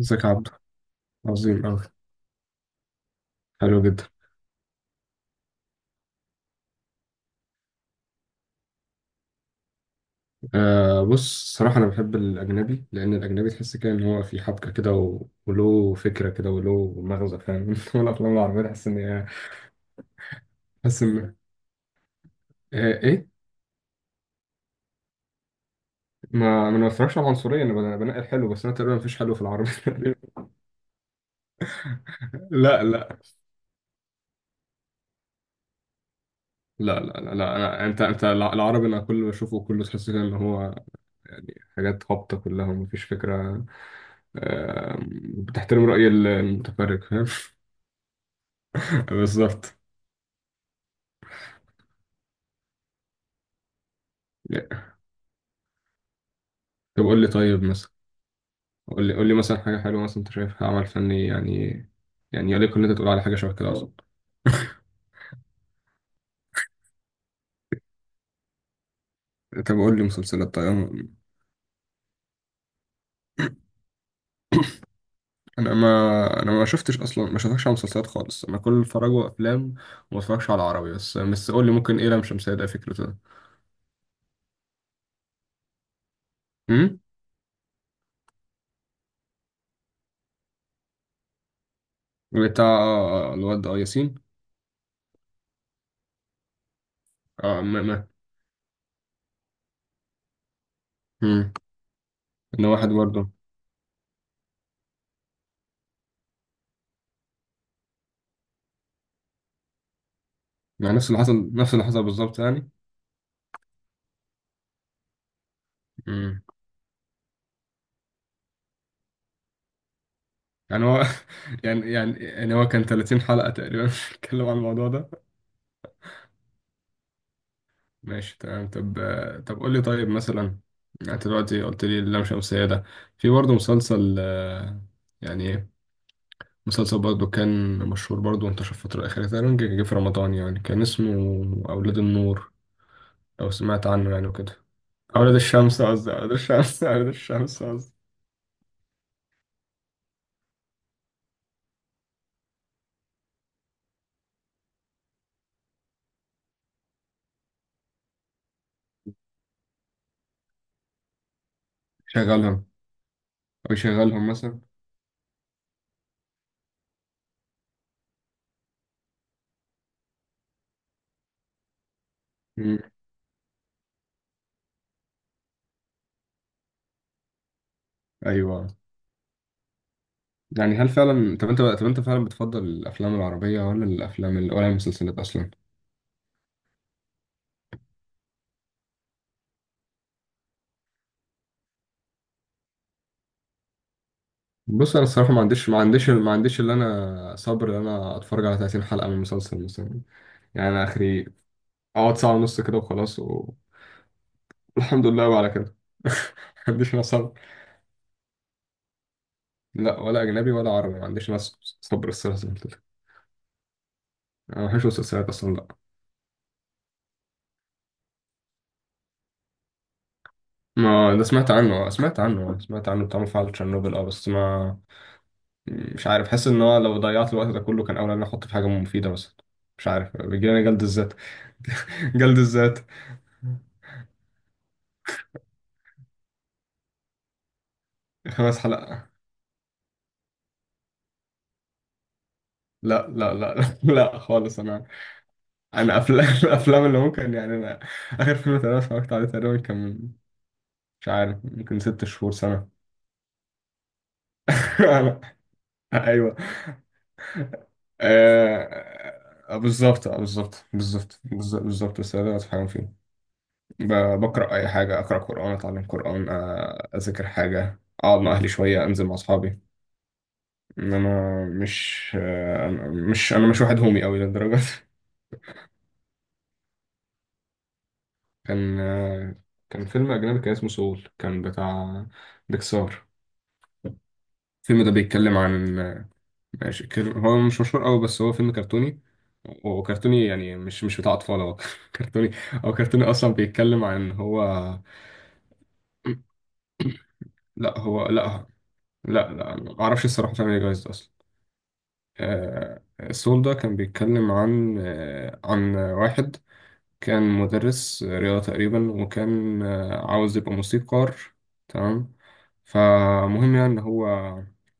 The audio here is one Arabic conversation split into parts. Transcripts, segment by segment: ازيك يا عبد. عظيم أوي. حلو جدا. آه، بص صراحة أنا بحب الأجنبي لأن الأجنبي تحس كده إن هو في حبكة كده وله فكرة كده وله مغزى فاهم. والأفلام العربية تحس إن هي، تحس إن، آه، إيه؟ ما أنا ما بتفرجش على العنصرية، أنا بنقي الحلو بس، أنا تقريبا مفيش حلو في العربي. لا لا لا، لا لا، لا. أنت العربي، أنا كل اللي بشوفه كله تحس كده إن هو حاجات هابطة كلها ومفيش فكرة. آه، بتحترم رأي المتفرج فاهم. بالظبط. طب قول لي طيب مثلا، قول لي مثلا حاجة حلوة مثلا أنت شايفها عمل فني يعني، يعني يليق إن أنت تقول على حاجة شبه كده أصلا. طب قول لي مسلسلات، طيب أنا، أنا ما شفتش أصلا، ما شفتش على مسلسلات خالص، أنا كل اتفرج أفلام وما اتفرجش على عربي، بس قول لي ممكن إيه لام شمسية ده فكرته ده؟ أمم بتاع الواد، ياسين. ما ما أمم إنه واحد برضه. يعني نفس اللي حصل نفس اللي حصل بالظبط يعني. أمم يعني هو، يعني هو كان 30 حلقة تقريبا بيتكلم عن الموضوع ده. ماشي تمام. طب، طب قول لي طيب مثلا، يعني انت دلوقتي قلت لي اللام شمسية ده، في برضه مسلسل، يعني إيه؟ مسلسل برضه كان مشهور برضه وانتشر الفترة الأخيرة تقريبا، جه في رمضان يعني، كان اسمه أولاد النور، لو سمعت عنه يعني وكده. أولاد الشمس، قصدي أولاد الشمس، أولاد الشمس قصدي. شغلهم أو يشغلهم مثلا. مم. أيوه. يعني هل فعلا، طب أنت فعلا بتفضل الأفلام العربية ولا الأفلام ولا المسلسلات أصلا؟ بص انا الصراحه، ما عنديش اللي انا صبر ان انا اتفرج على 30 حلقه من مسلسل مثلا، يعني انا اخري اقعد ساعه ونص كده وخلاص، والحمد لله وعلى كده. ما عنديش انا صبر، لا ولا اجنبي ولا عربي، ما عنديش انا صبر الصراحه زي ما قلت لك. انا ما بحبش المسلسلات اصلا، لا. ما ده سمعت عنه، سمعت عنه بتاع مفاعل تشيرنوبل، اه، بس، ما مش عارف، حاسس ان هو لو ضيعت الوقت ده كله كان اولى ان انا احطه في حاجه مفيده مثلا. مش عارف بيجيلي انا جلد الذات، جلد الذات. 5 حلقات، لا لا لا، لا خالص، انا انا افلام، الافلام اللي ممكن، يعني انا اخر فيلم تقريبا اتفرجت عليه تقريبا كان مش عارف، ممكن 6 شهور، سنه. أنا- ايوه، آه بالظبط، بالظبط بالظبط بس ده بتفهم فيه. بقرا اي حاجه، اقرا قران، اتعلم قران، اذاكر حاجه، اقعد مع اهلي شويه، انزل مع اصحابي، انما مش، مش انا مش واحد هومي قوي للدرجه. كان، كان فيلم أجنبي كان اسمه سول، كان بتاع بيكسار. الفيلم ده بيتكلم عن، ماشي، هو مش مشهور قوي بس هو فيلم كرتوني، وكرتوني يعني مش بتاع أطفال هو، كرتوني. هو كرتوني أصلا، بيتكلم عن هو، لا هو لا، لا لا معرفش الصراحة عشان ايه جايز ده أصلا. آه، سول ده كان بيتكلم عن، عن واحد كان مدرس رياضة تقريبا، وكان، عاوز يبقى موسيقار، تمام. فمهم يعني إن هو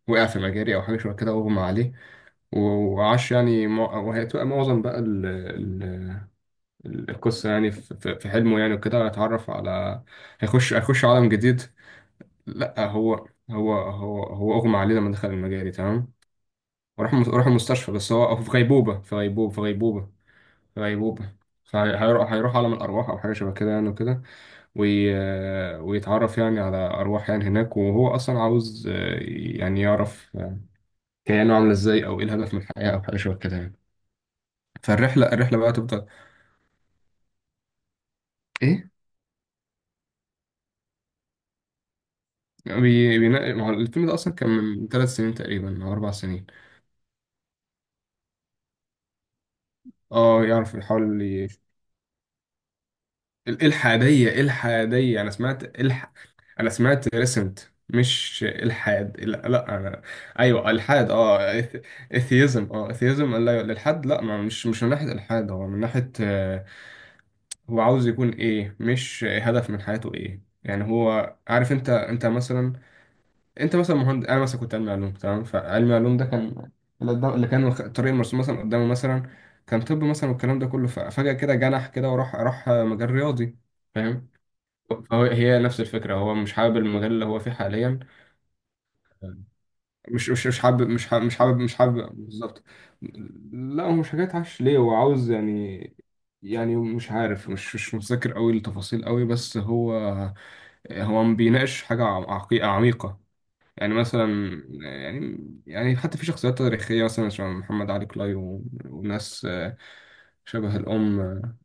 وقع في مجاري أو حاجة شبه كده، أغمى عليه، وعاش يعني وهي تبقى معظم بقى ال القصة يعني في، في حلمه يعني وكده، اتعرف على، هيخش، عالم جديد. لأ هو، هو أغمى عليه لما دخل المجاري، تمام. وراح، راح المستشفى بس هو في غيبوبة، في غيبوبة، هيروح عالم الأرواح أو حاجة شبه كده يعني وكده. وي... ويتعرف يعني على أرواح يعني هناك، وهو أصلا عاوز، يعني يعرف، كيانه عاملة إزاي، أو إيه الهدف من الحياة، أو حاجة شبه كده يعني. الرحلة بقى تفضل. إيه؟ ما هو الفيلم ده أصلا كان من 3 سنين تقريبا أو 4 سنين. أه، يعرف، يحاول الحادية، أنا سمعت، أنا سمعت ريسنت. مش الحاد، لا، لا انا، ايوه الحاد، اه، اثيزم، اه اثيزم، لا الالحاد، لا، ما مش من ناحيه الحاد، هو من ناحيه، هو عاوز يكون ايه، مش هدف من حياته ايه، يعني هو عارف انت مثلا، انت مثلا مهندس، انا مثلا كنت علمي علوم تمام، فعلمي علوم ده كان اللي اللي كان الطريق المرسوم مثلا قدامه مثلا، كان طب مثلا والكلام ده كله، ففجأة كده جنح كده راح مجال رياضي، فاهم. فهو هي نفس الفكرة، هو مش حابب المجال اللي هو فيه حاليا. مش حابب بالظبط. لا هو مش حكاية عش ليه، هو عاوز يعني، يعني مش عارف، مش متذكر قوي التفاصيل قوي، بس هو، هو ما بيناقش حاجة عميقة يعني. مثلا يعني، يعني حتى في شخصيات تاريخية مثلا، شبه محمد علي كلاي، وناس، شبه الأم.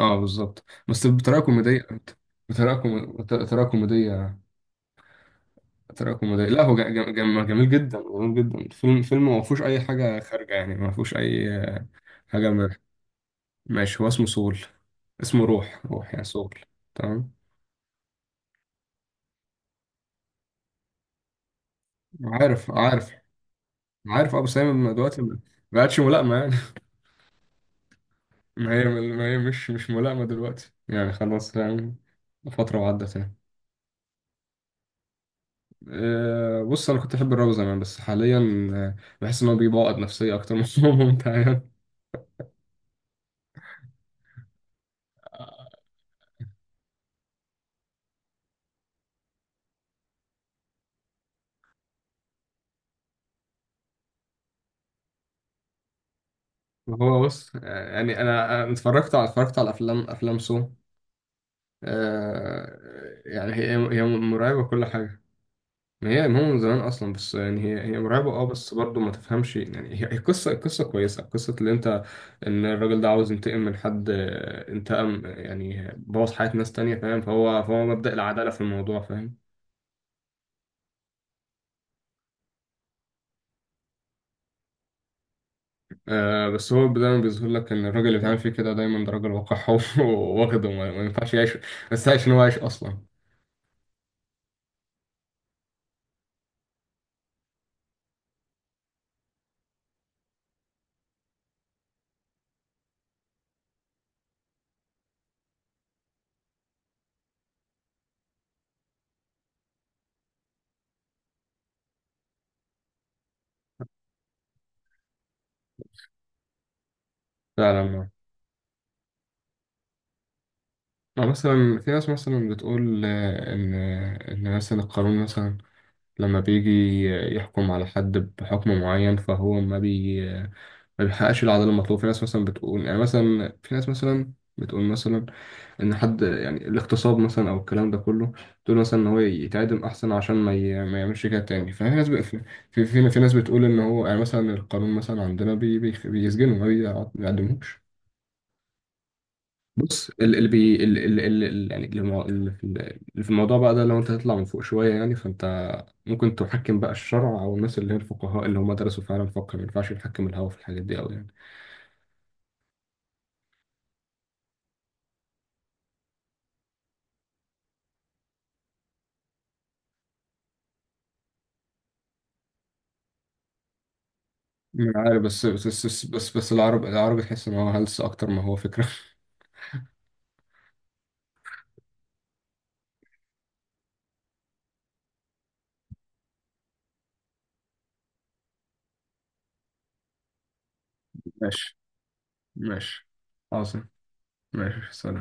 اه بالظبط بس بطريقة كوميدية، بطريقة كوميدية، تراكم كوميدي. لا هو جميل جدا، جميل جدا الفيلم. فيلم ما فيهوش اي حاجه خارجه يعني، ما فيهوش اي حاجه ماشي. هو اسمه سول، اسمه روح، روح يعني سول، تمام. عارف، عارف، عارف ابو سامي من دلوقتي ما عادش ملائمه يعني. ما هي، مش ملائمه دلوقتي يعني خلاص يعني، فتره وعدت يعني. أه، بص انا كنت احب الراب زمان بس حاليا، أه، بحس ان هو بيبوظ نفسيه اكتر من هو ممتع يعني. هو بص يعني، انا اتفرجت على افلام آه. يعني هي مرعبة كل حاجة. ما هو من زمان أصلا، بس يعني هي مرعبة، اه، بس برضه ما تفهمش، يعني هي قصة، كويسة. قصة اللي أنت، إن الراجل ده عاوز ينتقم من حد، انتقم يعني بوظ حياة ناس تانية فاهم، فهو، مبدأ العدالة في الموضوع فاهم. آه، بس هو دايما بيظهر لك ان الراجل اللي بيعمل فيه كده دايما ده راجل وقح، وواخده ما ينفعش يعيش، بس عايش ان هو عايش اصلا. فعلا. آه، مثلا في ناس مثلا بتقول، ان مثلا القانون مثلا لما بيجي يحكم على حد بحكم معين، فهو ما بيحققش العدالة المطلوبة. في ناس مثلا بتقول يعني مثلا، في ناس مثلا بتقول مثلا إن حد يعني الاغتصاب مثلا، أو الكلام ده كله، تقول مثلا إن هو يتعدم أحسن عشان ما, ما يعملش كده تاني. ففي ناس في ناس بتقول إن هو، يعني مثلا القانون مثلا عندنا بيسجنه ما بيعدموش. بص اللي يعني اللي اللي في الموضوع بقى ده، لو انت تطلع من فوق شويه يعني فانت ممكن تحكم بقى الشرع، او الناس اللي هي الفقهاء اللي هم درسوا فعلا فقه، ما ينفعش يحكم الهوا في الحاجات دي قوي يعني. مش عارف، بس العربي تحس ان هو هلس اكتر ما هو فكره. ماشي، ماشي. عاصم، ماشي، سلام.